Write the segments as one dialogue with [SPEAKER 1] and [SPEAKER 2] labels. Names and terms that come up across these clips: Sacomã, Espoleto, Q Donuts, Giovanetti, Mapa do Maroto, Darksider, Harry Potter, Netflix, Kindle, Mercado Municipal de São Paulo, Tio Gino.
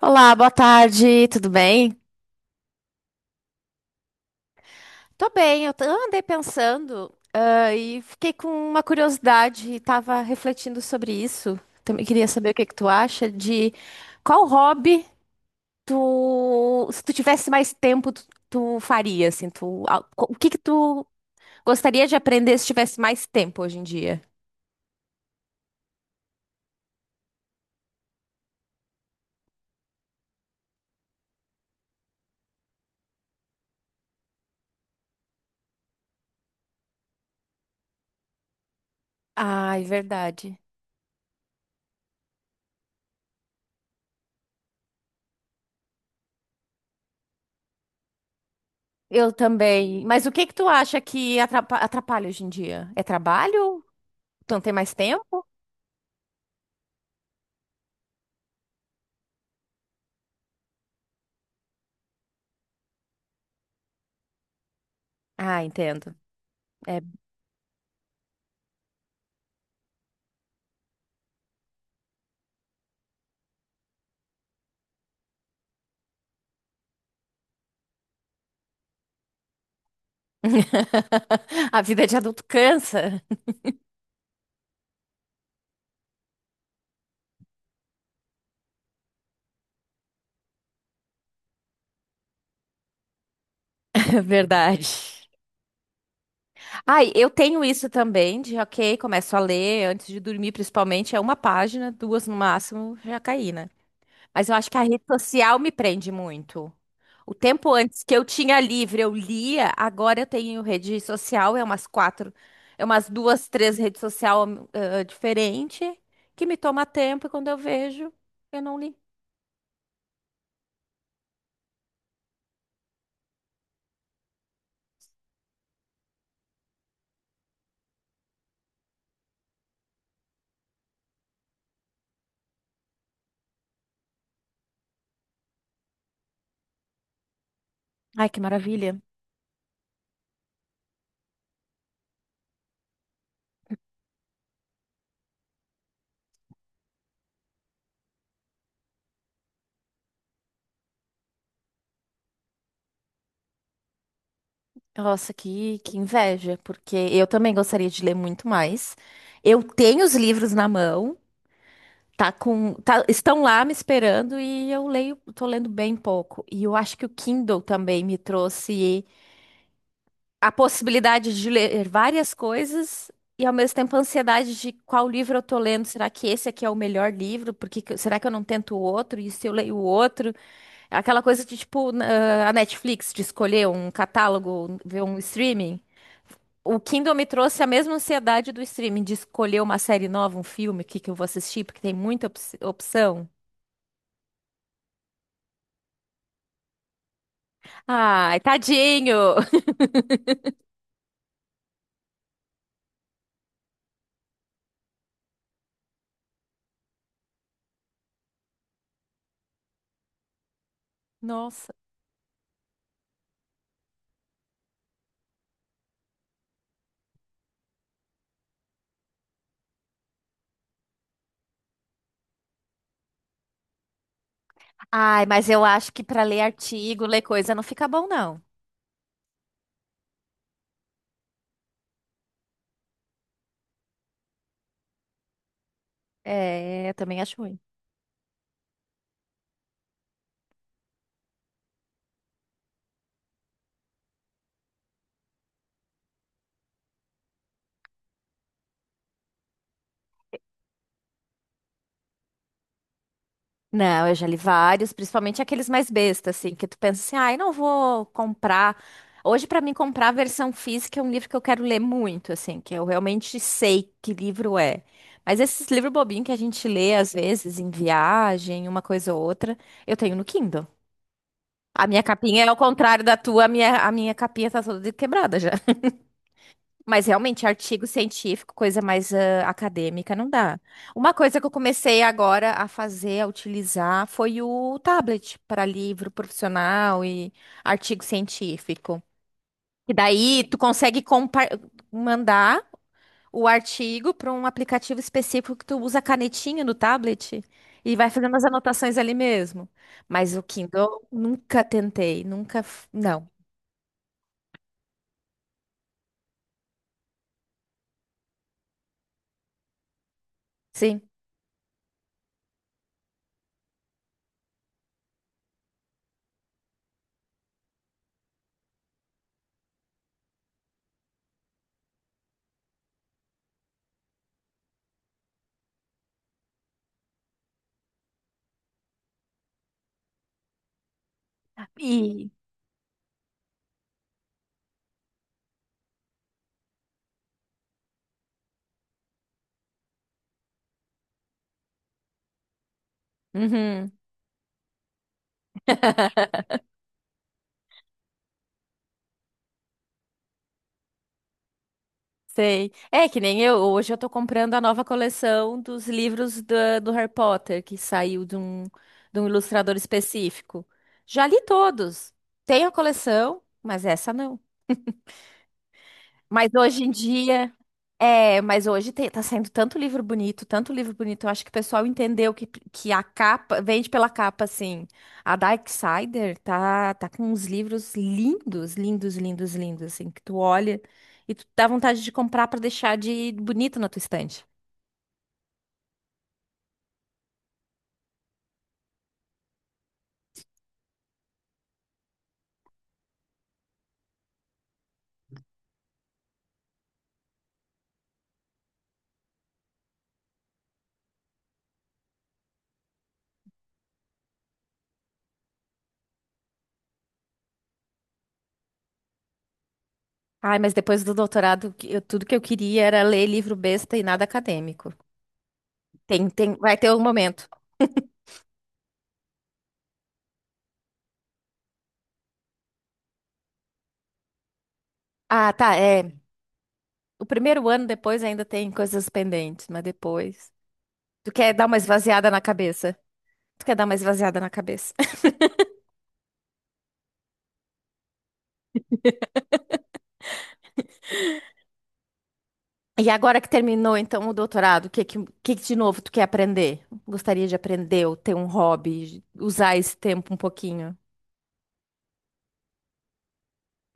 [SPEAKER 1] Olá, boa tarde, tudo bem? Tô bem, eu andei pensando, ah, e fiquei com uma curiosidade e tava refletindo sobre isso. Também queria saber o que que tu acha de qual hobby se tu tivesse mais tempo, tu faria, assim, o que que tu gostaria de aprender se tivesse mais tempo hoje em dia? Ai, verdade. Eu também. Mas o que que tu acha que atrapalha hoje em dia? É trabalho? Tu não tem mais tempo? Ah, entendo. É. A vida de adulto cansa. Verdade. Ai, eu tenho isso também, de ok, começo a ler antes de dormir, principalmente, é uma página, duas no máximo, já caí, né? Mas eu acho que a rede social me prende muito. O tempo antes que eu tinha livre, eu lia, agora eu tenho rede social, é umas quatro, é umas duas, três redes social diferentes, que me toma tempo e quando eu vejo, eu não li. Ai, que maravilha. Nossa, que inveja, porque eu também gostaria de ler muito mais. Eu tenho os livros na mão, estão lá me esperando e eu leio, tô lendo bem pouco. E eu acho que o Kindle também me trouxe a possibilidade de ler várias coisas e ao mesmo tempo a ansiedade de qual livro eu tô lendo. Será que esse aqui é o melhor livro? Porque será que eu não tento o outro? E se eu leio o outro? É aquela coisa de tipo a Netflix de escolher um catálogo, ver um streaming. O Kindle me trouxe a mesma ansiedade do streaming, de escolher uma série nova, um filme, o que que eu vou assistir, porque tem muita opção. Ai, tadinho! Nossa. Ai, mas eu acho que para ler artigo, ler coisa, não fica bom, não. É, eu também acho ruim. Não, eu já li vários, principalmente aqueles mais bestas, assim, que tu pensa assim, ai, não vou comprar. Hoje, pra mim, comprar a versão física é um livro que eu quero ler muito, assim, que eu realmente sei que livro é. Mas esses livros bobinhos que a gente lê, às vezes, em viagem, uma coisa ou outra, eu tenho no Kindle. A minha capinha é ao contrário da tua, a minha capinha tá toda quebrada já. Mas realmente, artigo científico, coisa mais ah, acadêmica, não dá. Uma coisa que eu comecei agora a fazer, a utilizar, foi o tablet para livro profissional e artigo científico. E daí tu consegue mandar o artigo para um aplicativo específico que tu usa a canetinha no tablet e vai fazendo as anotações ali mesmo. Mas o Kindle nunca tentei, nunca, não. Sim. E. Uhum. Sei. É que nem eu, hoje eu tô comprando a nova coleção dos livros do Harry Potter, que saiu de um ilustrador específico. Já li todos. Tenho a coleção, mas essa não. Mas hoje em dia, é, mas hoje tem, tá saindo tanto livro bonito, tanto livro bonito. Eu acho que o pessoal entendeu que a capa, vende pela capa, assim. A Darksider tá com uns livros lindos, lindos, lindos, lindos, assim, que tu olha e tu dá vontade de comprar pra deixar de bonito na tua estante. Ai, mas depois do doutorado, tudo que eu queria era ler livro besta e nada acadêmico. Tem, tem, vai ter um momento. Ah, tá, é. O primeiro ano depois ainda tem coisas pendentes, mas depois. Tu quer dar uma esvaziada na cabeça. Tu quer dar uma esvaziada na cabeça. E agora que terminou, então, o doutorado, o que, que de novo tu quer aprender? Gostaria de aprender ou ter um hobby, usar esse tempo um pouquinho.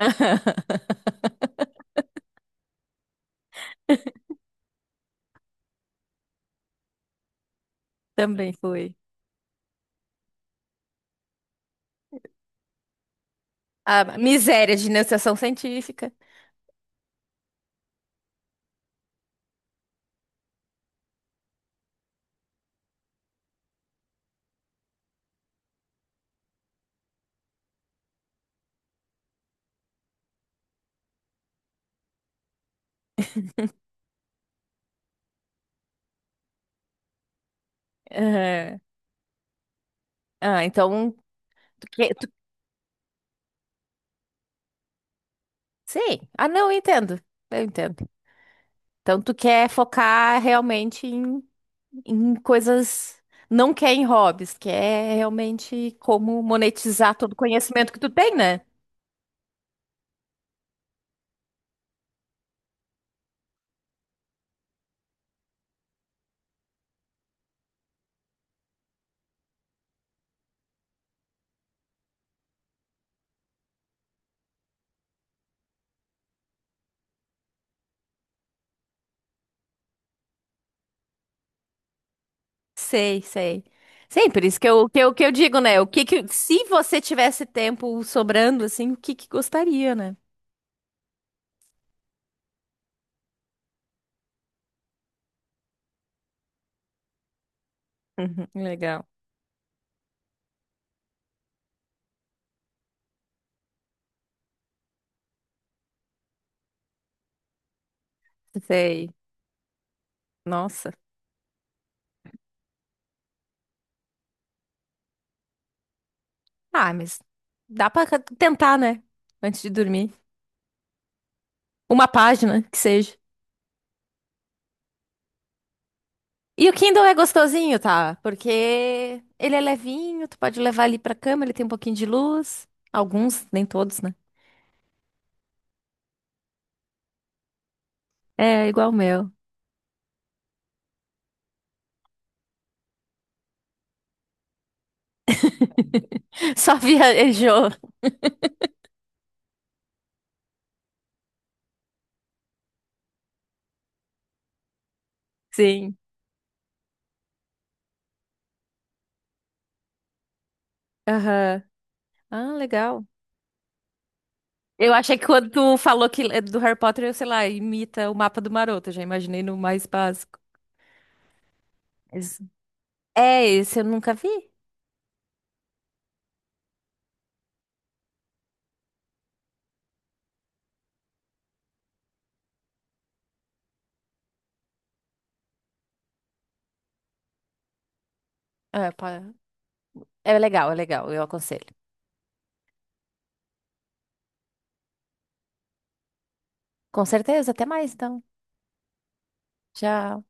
[SPEAKER 1] Também foi. A miséria de iniciação científica. Aham. Ah, então, tu quer, tu- sei. Ah, não, eu entendo. Eu entendo. Então, tu quer focar realmente em coisas, não quer em hobbies, quer realmente como monetizar todo o conhecimento que tu tem, né? Sei, sei. Sim, por isso que eu digo, né? O que que, se você tivesse tempo sobrando, assim, o que que gostaria, né? Uhum, legal. Sei. Nossa. Ah, mas dá pra tentar, né? Antes de dormir. Uma página que seja. E o Kindle é gostosinho, tá? Porque ele é levinho, tu pode levar ali pra cama, ele tem um pouquinho de luz. Alguns, nem todos, né? É, igual o meu. Só viajou. Sim. Aham. Ah, legal. Eu achei que quando tu falou que é do Harry Potter, eu, sei lá, imita o mapa do Maroto. Eu já imaginei no mais básico. Esse- É, esse eu nunca vi. É, pá. É legal, é legal. Eu aconselho. Com certeza, até mais, então. Tchau.